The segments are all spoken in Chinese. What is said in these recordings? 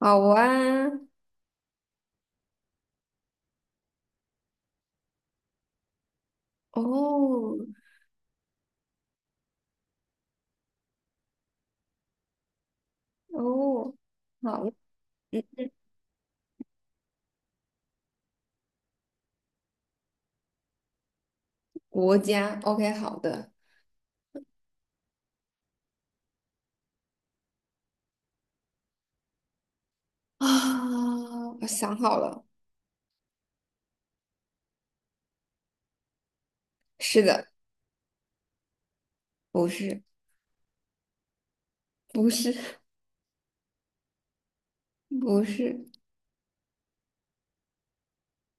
好啊，哦哦，好，嗯，国家，OK，好的啊，我想好了，是的，不是，不是，不是，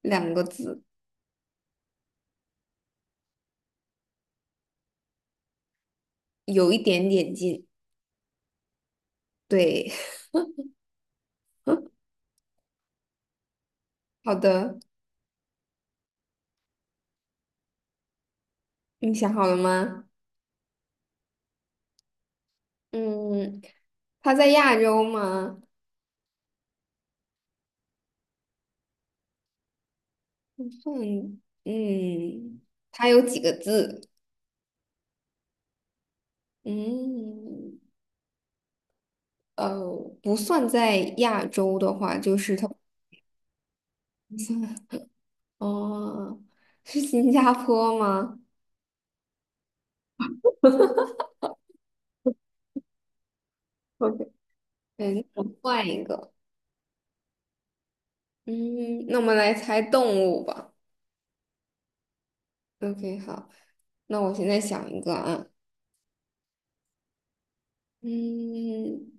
两个字，有一点点近，对，好的，你想好了吗？嗯，他在亚洲吗？不算，嗯，他有几个字？嗯，呃，不算在亚洲的话，就是他不算。哦，是新加坡吗？OK，对，那我换一个。嗯，那我们来猜动物吧。OK，好，那我现在想一个啊。嗯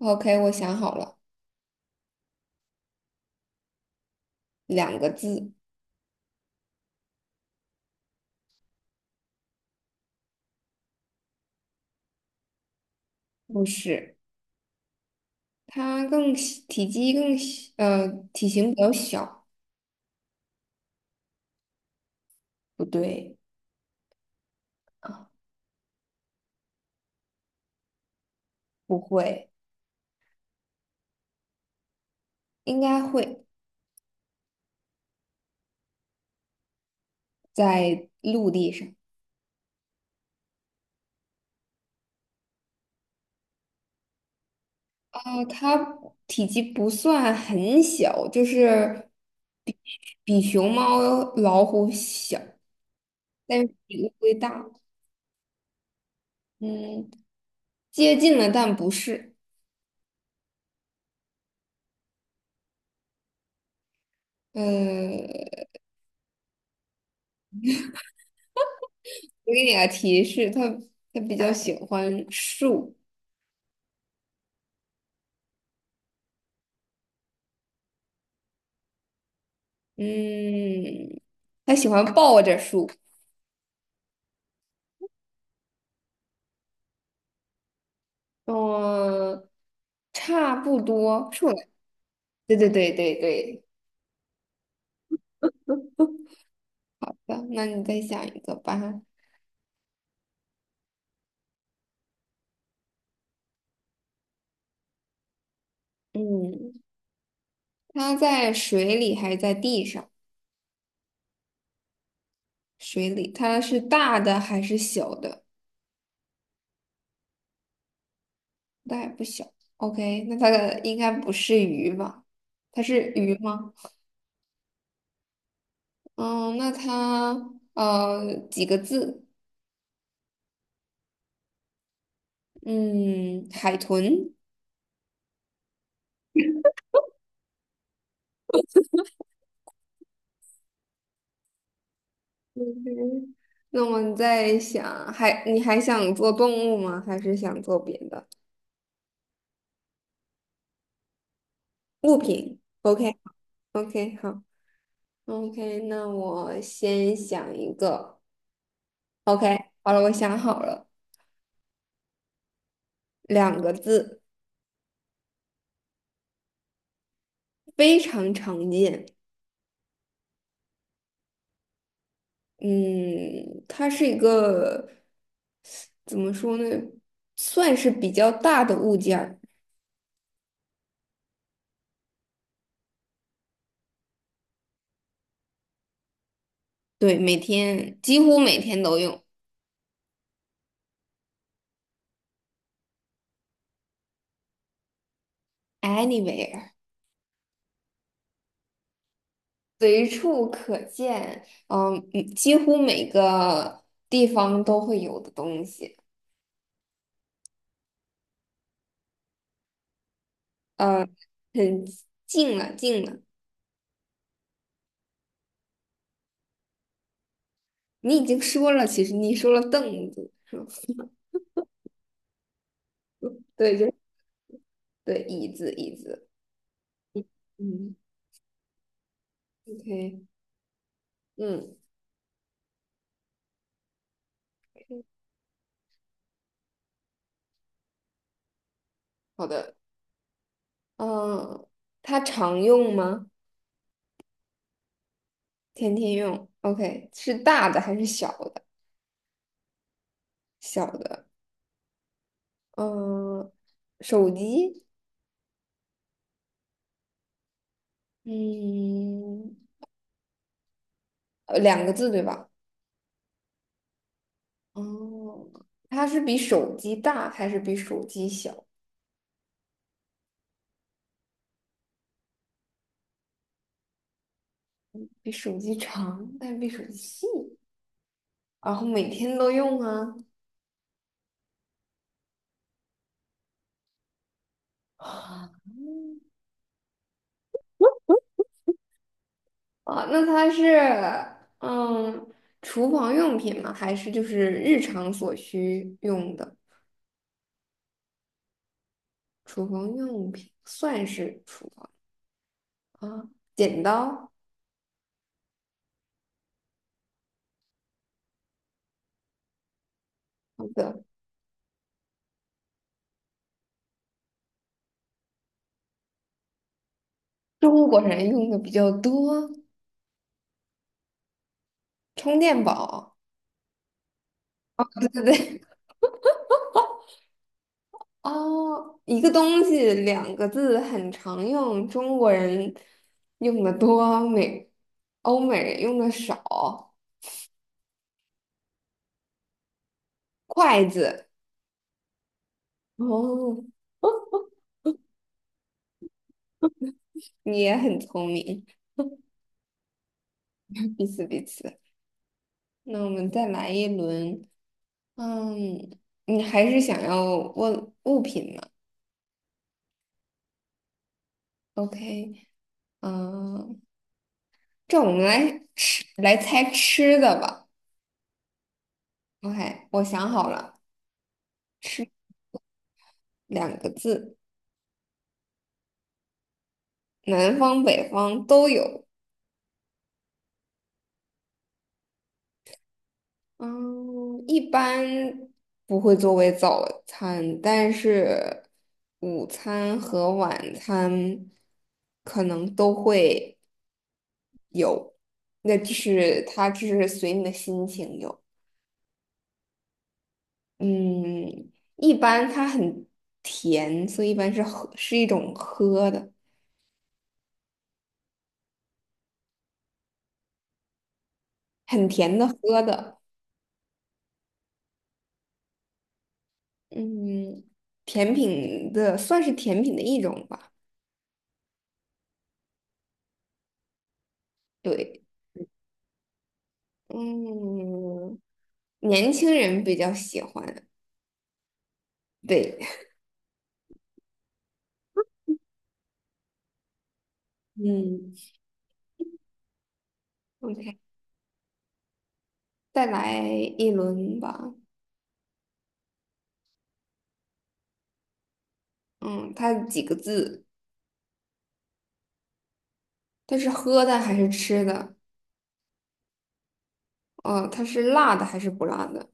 ，OK，我想好了，两个字，不是，它更小体积更小，体型比较小，不对啊，不会，应该会在陆地上啊，它体积不算很小，就是。比熊猫、老虎小，但是比乌龟大。嗯，接近了，但不是。嗯，我给你个提示，它比较喜欢树。嗯，它喜欢抱着树。嗯，差不多，树懒。对对对对对。好的那你再想一个吧。嗯，它在水里还是在地上？水里，它是大的还是小的？那也不小。OK，那它的应该不是鱼吧？它是鱼吗？嗯，那它几个字？嗯，海豚。嗯，那我们在想，还你还想做动物吗？还是想做别的物品？OK OK 好 OK，那我先想一个。OK，好了，我想好了，两个字，非常常见。嗯，它是一个怎么说呢，算是比较大的物件儿，对，每天几乎每天都用，anywhere，随处可见，嗯，嗯几乎每个地方都会有的东西，嗯，很近了，近了，你已经说了，其实你说了凳子，是吧对，就是对，椅子，椅子，嗯，OK，嗯，好的，嗯，它常用吗？天天用，OK，是大的还是小的？小的，嗯、手机，嗯，两个字对吧？哦，它是比手机大还是比手机小？比手机长，但是比手机细，然后每天都用啊。啊，那它是嗯，厨房用品吗？还是就是日常所需用的厨房用品？算是厨房啊，剪刀。好的。中国人用的比较多，充电宝。对对对，哦，一个东西两个字很常用，中国人用的多，美欧美人用的少。筷子，哦，你也很聪明，彼此彼此。那我们再来一轮，嗯，你还是想要问物品吗？OK，嗯，这我们来吃来猜吃的吧。OK，我想好了。吃两个字，南方北方都有。嗯，一般不会作为早餐，但是午餐和晚餐可能都会有。那就是它，就是随你的心情有。嗯，一般它很甜，所以一般是喝，是一种喝的，很甜的喝的。嗯，甜品的算是甜品的一种吧。对，嗯，年轻人比较喜欢。对嗯，，OK，再来一轮吧。嗯，它几个字？它是喝的还是吃的？哦，它是辣的还是不辣的？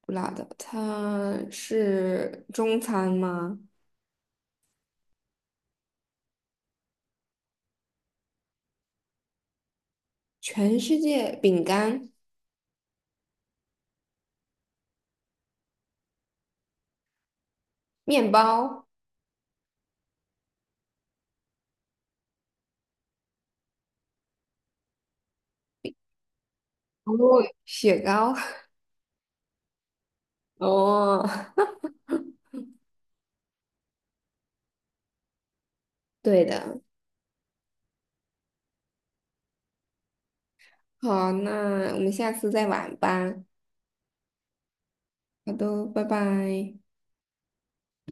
不辣的。它是中餐吗？全世界饼干、面包、哦，雪糕。哦，对的。好，那我们下次再玩吧。好的，拜拜。